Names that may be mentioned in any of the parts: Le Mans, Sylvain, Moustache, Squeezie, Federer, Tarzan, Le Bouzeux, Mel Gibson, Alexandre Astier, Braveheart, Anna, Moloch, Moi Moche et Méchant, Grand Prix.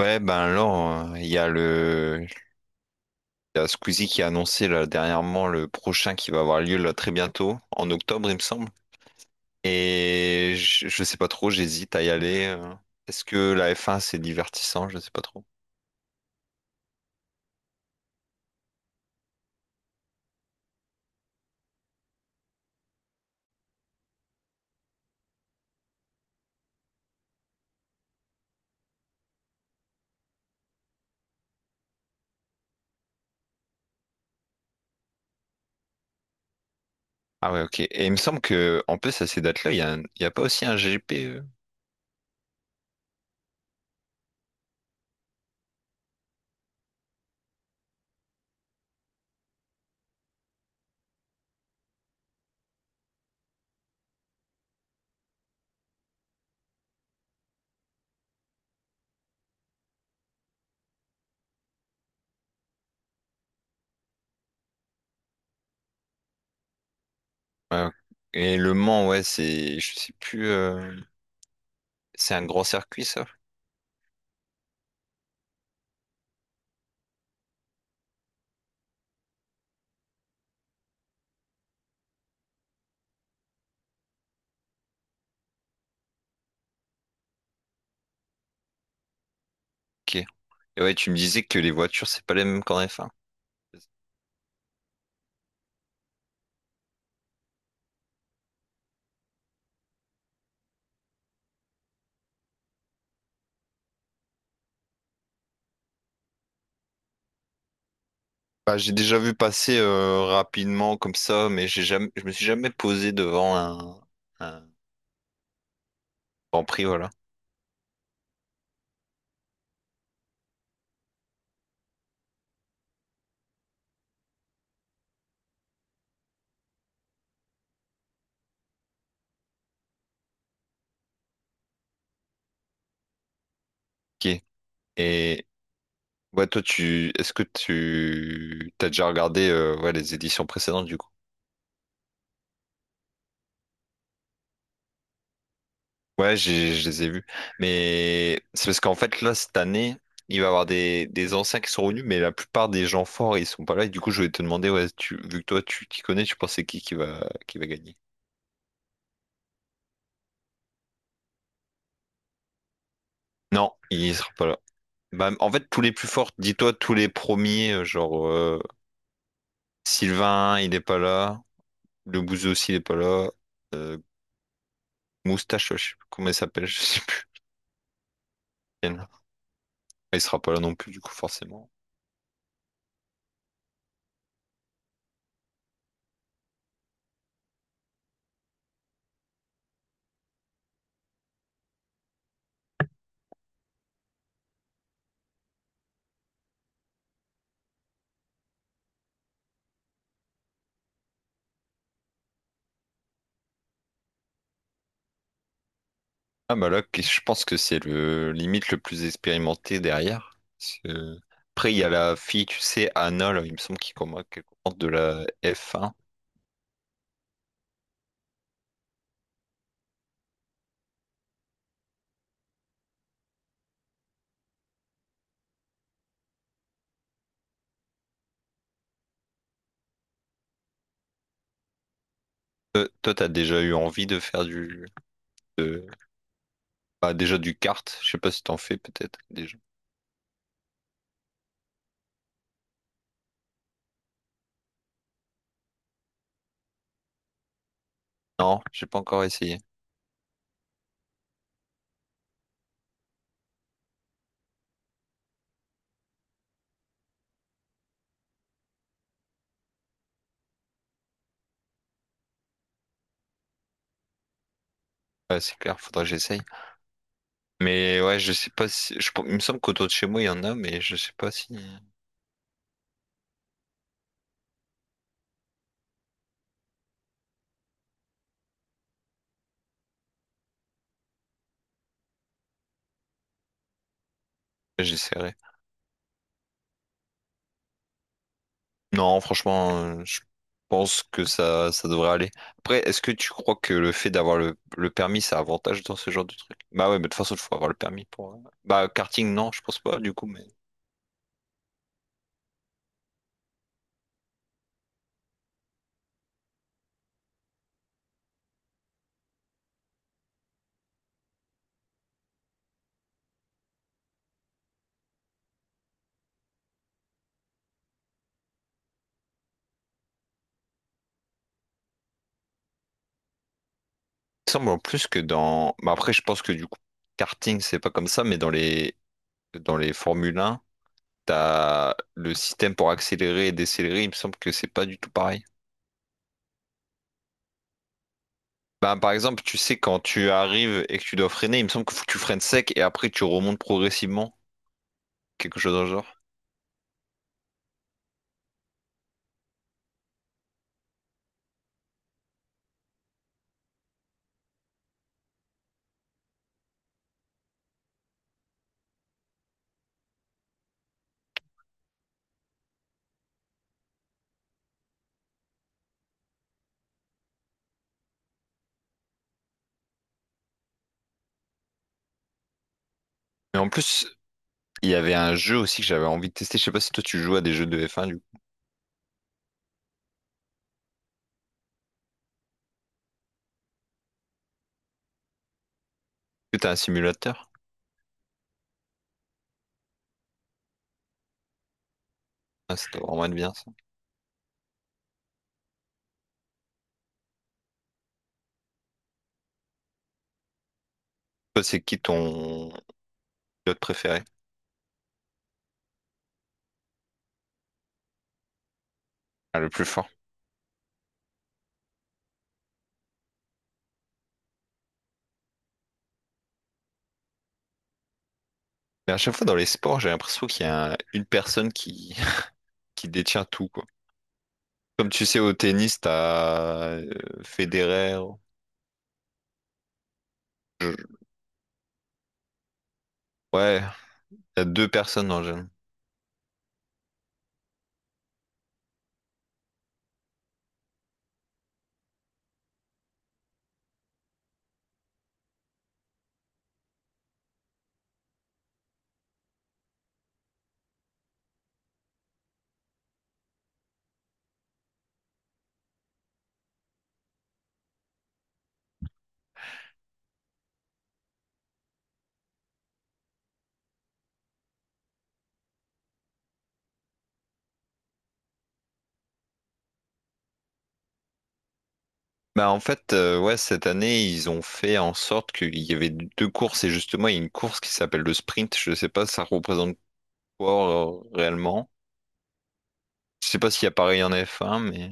Ouais, ben alors, il y a Squeezie qui a annoncé là, dernièrement le prochain qui va avoir lieu là très bientôt, en octobre, il me semble. Et je sais pas trop, j'hésite à y aller. Est-ce que la F1 c'est divertissant? Je sais pas trop. Ah ouais, ok. Et il me semble que, en plus, à ces dates-là, il y a pas aussi un GP. Ouais, ok. Et Le Mans, ouais, c'est, je sais plus. C'est un grand circuit, ça? Ok. Et ouais, tu me disais que les voitures, c'est pas les mêmes qu'en F1. Bah, j'ai déjà vu passer rapidement comme ça, mais j'ai jamais, je me suis jamais posé devant un Grand Prix, voilà. Ok. Et ouais, toi, est-ce que tu, t'as déjà regardé ouais, les éditions précédentes du coup? Ouais, je les ai vus. Mais c'est parce qu'en fait, là, cette année, il va y avoir des anciens qui sont revenus, mais la plupart des gens forts, ils sont pas là. Et du coup, je voulais te demander, ouais, tu, vu que toi, tu t'y connais, tu penses c'est qui va gagner? Non, il sera pas là. Bah, en fait, tous les plus forts, dis-toi, tous les premiers, Sylvain, il est pas là. Le Bouzeux aussi, il est pas là. Euh, Moustache, ouais, je sais plus comment il s'appelle, je sais plus. Il sera pas là non plus, du coup, forcément. Ah, Moloch, je pense que c'est le limite le plus expérimenté derrière. Après, il y a la fille, tu sais, Anna, là, il me semble qu'elle commente de la f un. Toi, t'as déjà eu envie de de- bah, déjà du kart. Je sais pas si t'en fais peut-être déjà. Non, j'ai pas encore essayé. Ouais, c'est clair, faudrait que j'essaye. Mais ouais, je sais pas si, je- il me semble qu'autour de chez moi, il y en a, mais je sais pas si. J'essaierai. Non, franchement, je pense que ça devrait aller. Après, est-ce que tu crois que le fait d'avoir le permis, ça a avantage dans ce genre de truc? Bah ouais, mais de toute façon, il faut avoir le permis pour. Bah, karting, non, je pense pas, du coup, mais. Il semble en plus que dans. Bah après, je pense que du coup, karting, c'est pas comme ça, mais dans les Formule un t'as le système pour accélérer et décélérer, il me semble que c'est pas du tout pareil. Bah, par exemple, tu sais, quand tu arrives et que tu dois freiner, il me semble que faut que tu freines sec et après tu remontes progressivement, quelque chose dans le genre. Mais en plus, il y avait un jeu aussi que j'avais envie de tester. Je sais pas si toi tu joues à des jeux de F1 du coup. Est-ce que t'as un simulateur? Ah, ça doit vraiment être bien ça. Toi, c'est qui ton pilote préféré? Ah, le plus fort. Mais à chaque fois dans les sports, j'ai l'impression qu'il y a une personne qui... qui détient tout, quoi. Comme tu sais, au tennis, t'as Federer. Je- Ouais, il y a deux personnes en général. Bah en fait, ouais, cette année, ils ont fait en sorte qu'il y avait deux courses et justement, il y a une course qui s'appelle le sprint. Je sais pas, ça représente quoi réellement? Je sais pas s'il y a pareil en F1, mais...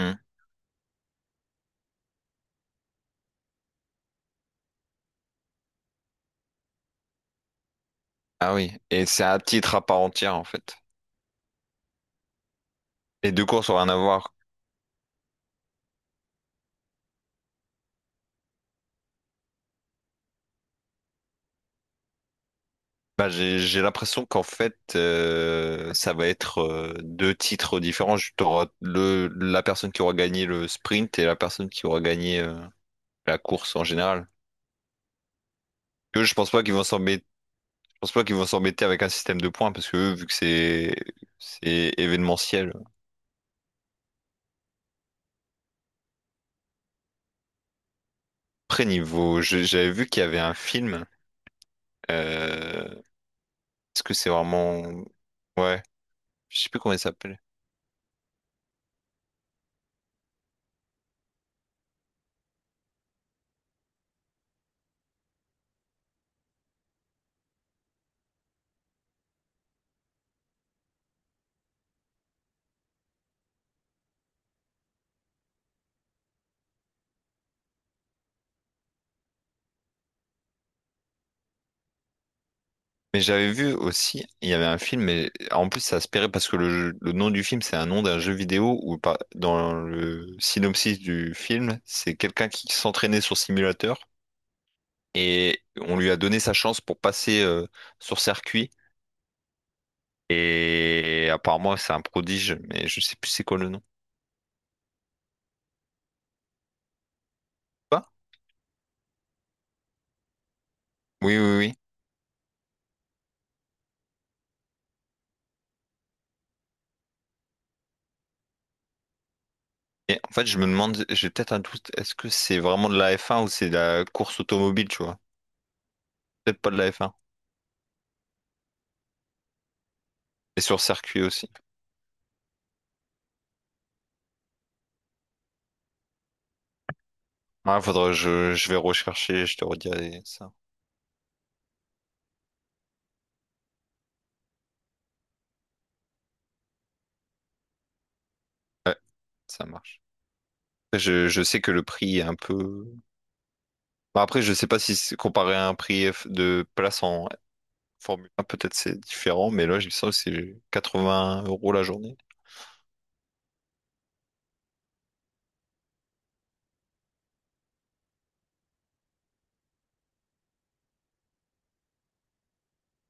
Hmm. Ah oui, et c'est à titre à part entière, en fait. Les deux courses ont rien à voir. Bah, j'ai l'impression qu'en fait, ça va être deux titres différents. T'auras la personne qui aura gagné le sprint et la personne qui aura gagné la course en général. Eux, je pense pas qu'ils vont s'embêter avec un système de points parce que eux, c'est événementiel. Après, j'avais vu qu'il y avait un film. euh, est-ce que c'est vraiment... Ouais, je sais plus comment il s'appelle. Mais j'avais vu aussi, il y avait un film, mais en plus ça aspirait parce que le nom du film, c'est un nom d'un jeu vidéo dans le synopsis du film, c'est quelqu'un qui s'entraînait sur simulateur et on lui a donné sa chance pour passer sur circuit. Et apparemment, c'est un prodige, mais je sais plus c'est quoi le nom. Pas? Oui, oui, oui. Et en fait, je me demande, j'ai peut-être un doute, est-ce que c'est vraiment de la F1 ou c'est de la course automobile, tu vois? Peut-être pas de la F1. Et sur circuit aussi. Ouais, faudra que je vais rechercher, je te redirai ça. Ouais, ça marche. Je sais que le prix est un peu... Bah, après, je sais pas si c'est comparé à un prix de place en Formule 1, peut-être c'est différent, mais là, je sens que c'est 80 € la journée.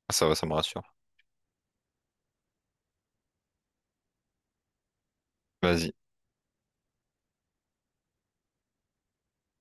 Ah, ça va, ça me rassure. Vas-y.